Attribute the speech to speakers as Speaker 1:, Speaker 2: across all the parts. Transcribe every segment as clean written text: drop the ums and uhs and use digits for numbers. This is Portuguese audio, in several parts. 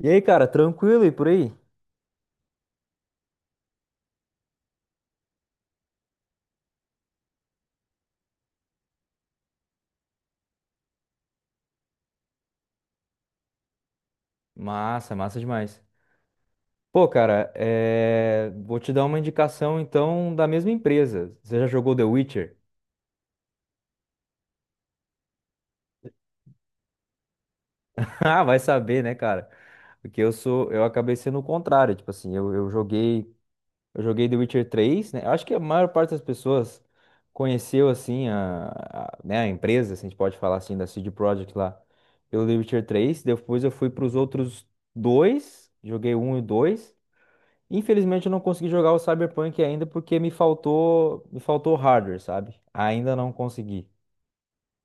Speaker 1: E aí, cara, tranquilo e por aí? Massa, massa demais. Pô, cara, vou te dar uma indicação então da mesma empresa. Você já jogou The Witcher? Ah, vai saber, né, cara? Porque eu acabei sendo o contrário, tipo assim, eu joguei, eu joguei The Witcher três, né? Acho que a maior parte das pessoas conheceu assim né, a empresa, se a gente pode falar assim da CD Projekt lá, pelo The Witcher 3. Depois eu fui para os outros dois, joguei um e o dois. Infelizmente eu não consegui jogar o Cyberpunk ainda porque me faltou hardware, sabe? Ainda não consegui,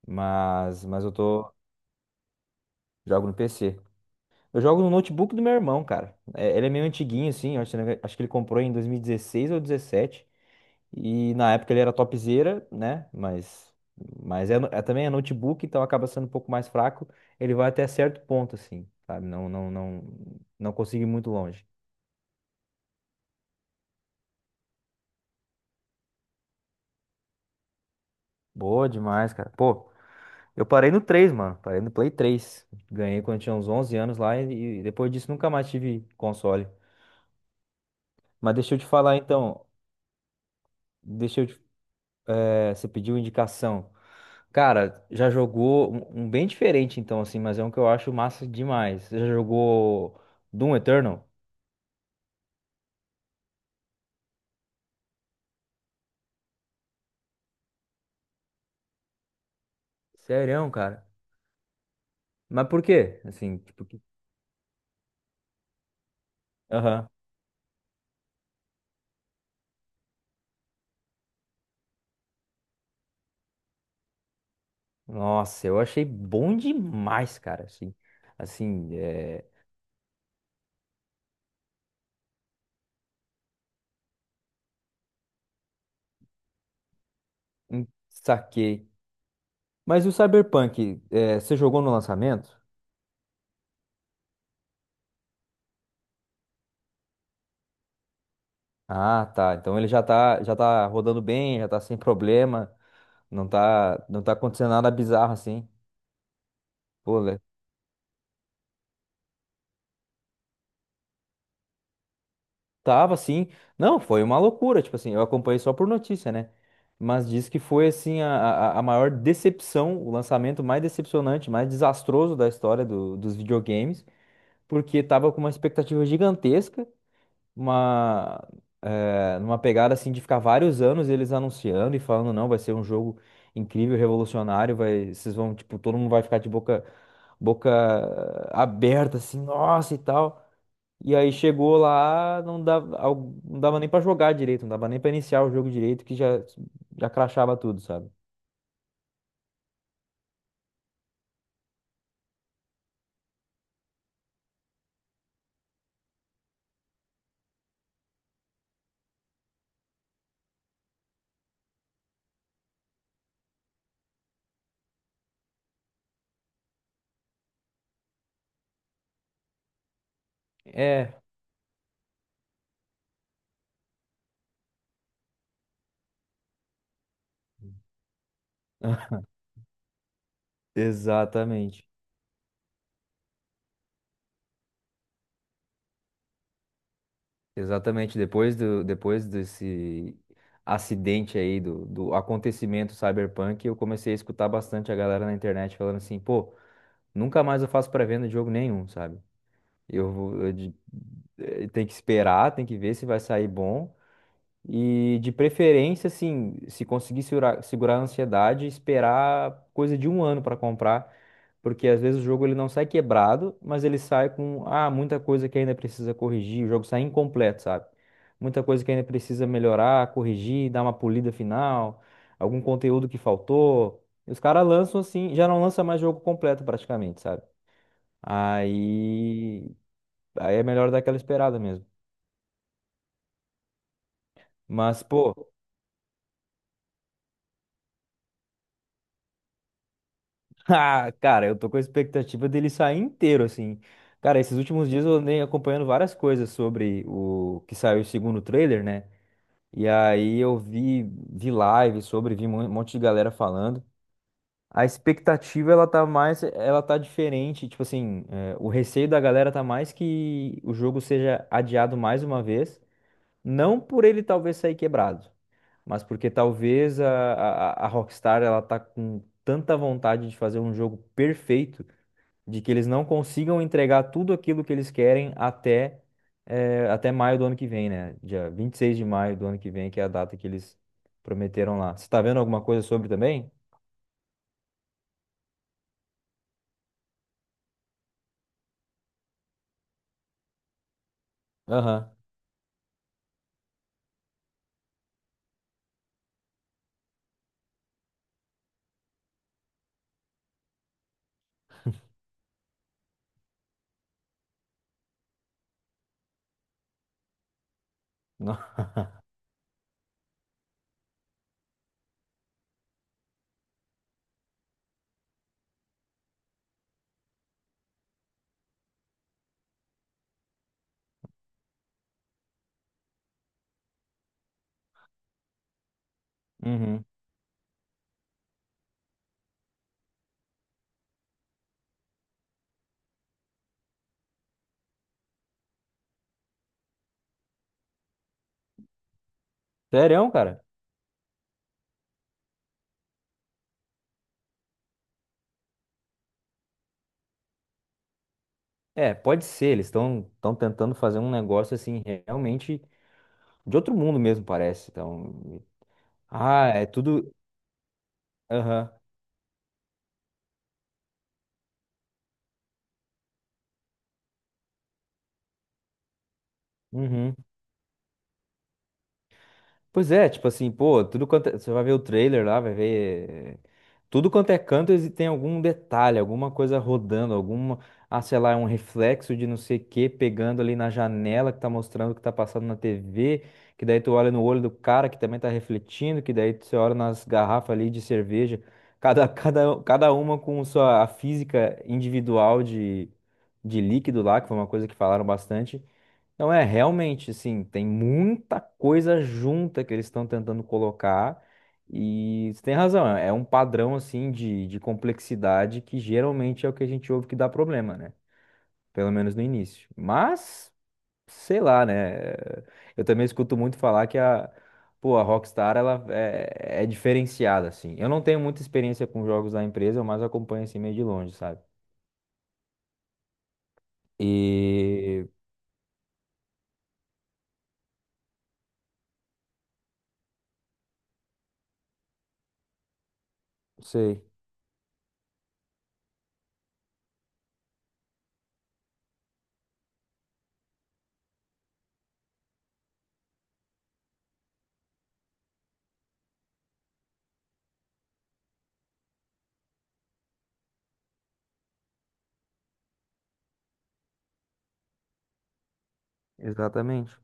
Speaker 1: mas eu tô jogo no PC. Eu jogo no notebook do meu irmão, cara. É, ele é meio antiguinho assim, eu acho que ele comprou em 2016 ou 17 e na época ele era topzera, né? Mas é, é também é notebook, então acaba sendo um pouco mais fraco. Ele vai até certo ponto assim, sabe? Não não consegui ir muito longe. Boa demais, cara. Pô, eu parei no 3, mano. Parei no Play três. Ganhei quando eu tinha uns 11 anos lá e depois disso nunca mais tive console. Mas deixa eu te falar então. Deixa eu te, eh, Você pediu indicação. Cara, já jogou um bem diferente então, assim, mas é um que eu acho massa demais. Você já jogou Doom Eternal? Sério, cara? Mas por quê? Assim, tipo. Aham. Nossa, eu achei bom demais, cara. Assim. Saquei. Mas e o Cyberpunk, você jogou no lançamento? Ah, tá. Então ele já tá rodando bem, já tá sem problema, não tá, não tá acontecendo nada bizarro assim. Pô, tava assim. Não, foi uma loucura, tipo assim, eu acompanhei só por notícia, né? Mas diz que foi assim a maior decepção, o lançamento mais decepcionante, mais desastroso da história dos videogames, porque tava com uma expectativa gigantesca uma, numa pegada assim de ficar vários anos eles anunciando e falando, não, vai ser um jogo incrível, revolucionário, vai, vocês vão, tipo, todo mundo vai ficar de boca aberta, assim, nossa e tal. E aí chegou lá, não dava nem pra jogar direito, não dava nem pra iniciar o jogo direito, que já crachava tudo, sabe? É, exatamente. Exatamente, depois desse acidente aí, do acontecimento Cyberpunk, eu comecei a escutar bastante a galera na internet falando assim, pô, nunca mais eu faço pré-venda de jogo nenhum, sabe? Eu, vou- eu de- eh, Tem que esperar, tem que ver se vai sair bom. E de preferência, assim, se conseguir segurar a ansiedade, esperar coisa de um ano para comprar porque às vezes o jogo ele não sai quebrado, mas ele sai com muita coisa que ainda precisa corrigir, o jogo sai incompleto, sabe? Muita coisa que ainda precisa melhorar, corrigir, dar uma polida final, algum conteúdo que faltou. E os caras lançam assim, já não lança mais jogo completo praticamente, sabe? Aí, aí, é melhor dar aquela esperada mesmo. Mas, pô, ah, cara, eu tô com a expectativa dele sair inteiro, assim. Cara, esses últimos dias eu andei acompanhando várias coisas sobre o que saiu o segundo trailer, né? E aí eu vi live sobre, vi um monte de galera falando. A expectativa, ela tá diferente, tipo assim, é, o receio da galera tá mais que o jogo seja adiado mais uma vez, não por ele talvez sair quebrado, mas porque talvez a Rockstar, ela tá com tanta vontade de fazer um jogo perfeito de que eles não consigam entregar tudo aquilo que eles querem até maio do ano que vem, né? Dia 26 de maio do ano que vem, que é a data que eles prometeram lá. Você tá vendo alguma coisa sobre também? Aham. Não. Uhum. Sério, cara? É, pode ser. Eles estão tentando fazer um negócio assim, realmente de outro mundo mesmo, parece. Então, é tudo. Aham. Uhum. Pois é, tipo assim, pô, você vai ver o trailer lá, vai ver tudo quanto é canto, tem algum detalhe, alguma coisa rodando, sei lá, é um reflexo de não sei o que pegando ali na janela que tá mostrando o que tá passando na TV, que daí tu olha no olho do cara que também tá refletindo, que daí você olha nas garrafas ali de cerveja, cada uma com sua a física individual de líquido lá, que foi uma coisa que falaram bastante. Então é realmente assim, tem muita coisa junta que eles estão tentando colocar e você tem razão, é um padrão assim de complexidade que geralmente é o que a gente ouve que dá problema, né? Pelo menos no início. Mas, sei lá, né? Eu também escuto muito falar que pô, a Rockstar ela é diferenciada assim. Eu não tenho muita experiência com jogos da empresa, eu mais acompanho assim meio de longe, sabe? E sei, exatamente.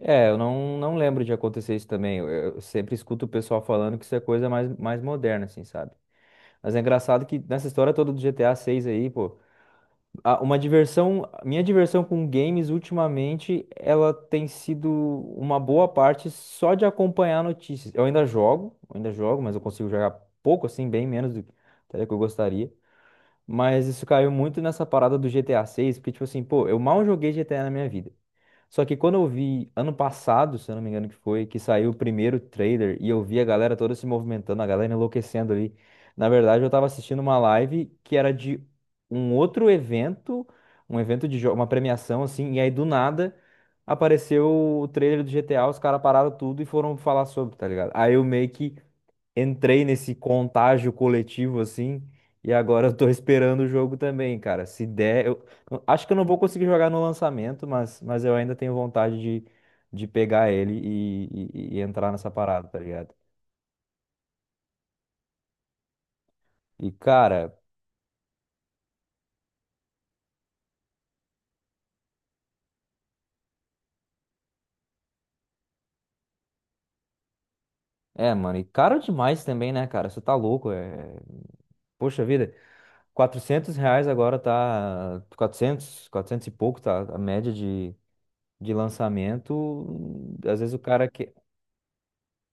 Speaker 1: É, eu não lembro de acontecer isso também. Eu sempre escuto o pessoal falando que isso é coisa mais moderna, assim, sabe? Mas é engraçado que nessa história toda do GTA 6 aí, pô, minha diversão com games ultimamente, ela tem sido uma boa parte só de acompanhar notícias. Eu ainda jogo, mas eu consigo jogar pouco, assim, bem menos do que até que eu gostaria. Mas isso caiu muito nessa parada do GTA 6, porque, tipo assim, pô, eu mal joguei GTA na minha vida. Só que quando eu vi ano passado, se eu não me engano que foi, que saiu o primeiro trailer e eu vi a galera toda se movimentando, a galera enlouquecendo ali. Na verdade, eu tava assistindo uma live que era de um outro evento, uma premiação assim, e aí do nada apareceu o trailer do GTA, os caras pararam tudo e foram falar sobre, tá ligado? Aí eu meio que entrei nesse contágio coletivo assim, e agora eu tô esperando o jogo também, cara. Se der, eu acho que eu não vou conseguir jogar no lançamento, mas eu ainda tenho vontade de pegar ele e entrar nessa parada, tá ligado? E cara, é, mano, e caro demais também, né, cara? Você tá louco, é. Poxa vida, 400 reais agora tá. Quatrocentos e pouco tá a média de lançamento. Às vezes o cara que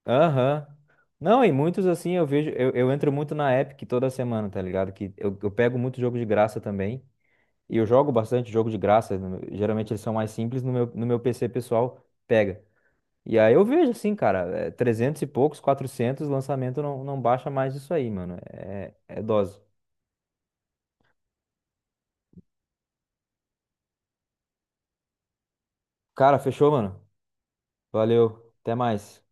Speaker 1: Aham. Não, e muitos assim eu vejo, eu entro muito na Epic toda semana, tá ligado? Que eu pego muito jogo de graça também. E eu jogo bastante jogo de graça. No meu- Geralmente eles são mais simples, no meu PC pessoal pega. E aí eu vejo assim, cara, é, 300 e poucos, 400 lançamento não baixa mais disso aí, mano. É, dose. Cara, fechou, mano? Valeu, até mais.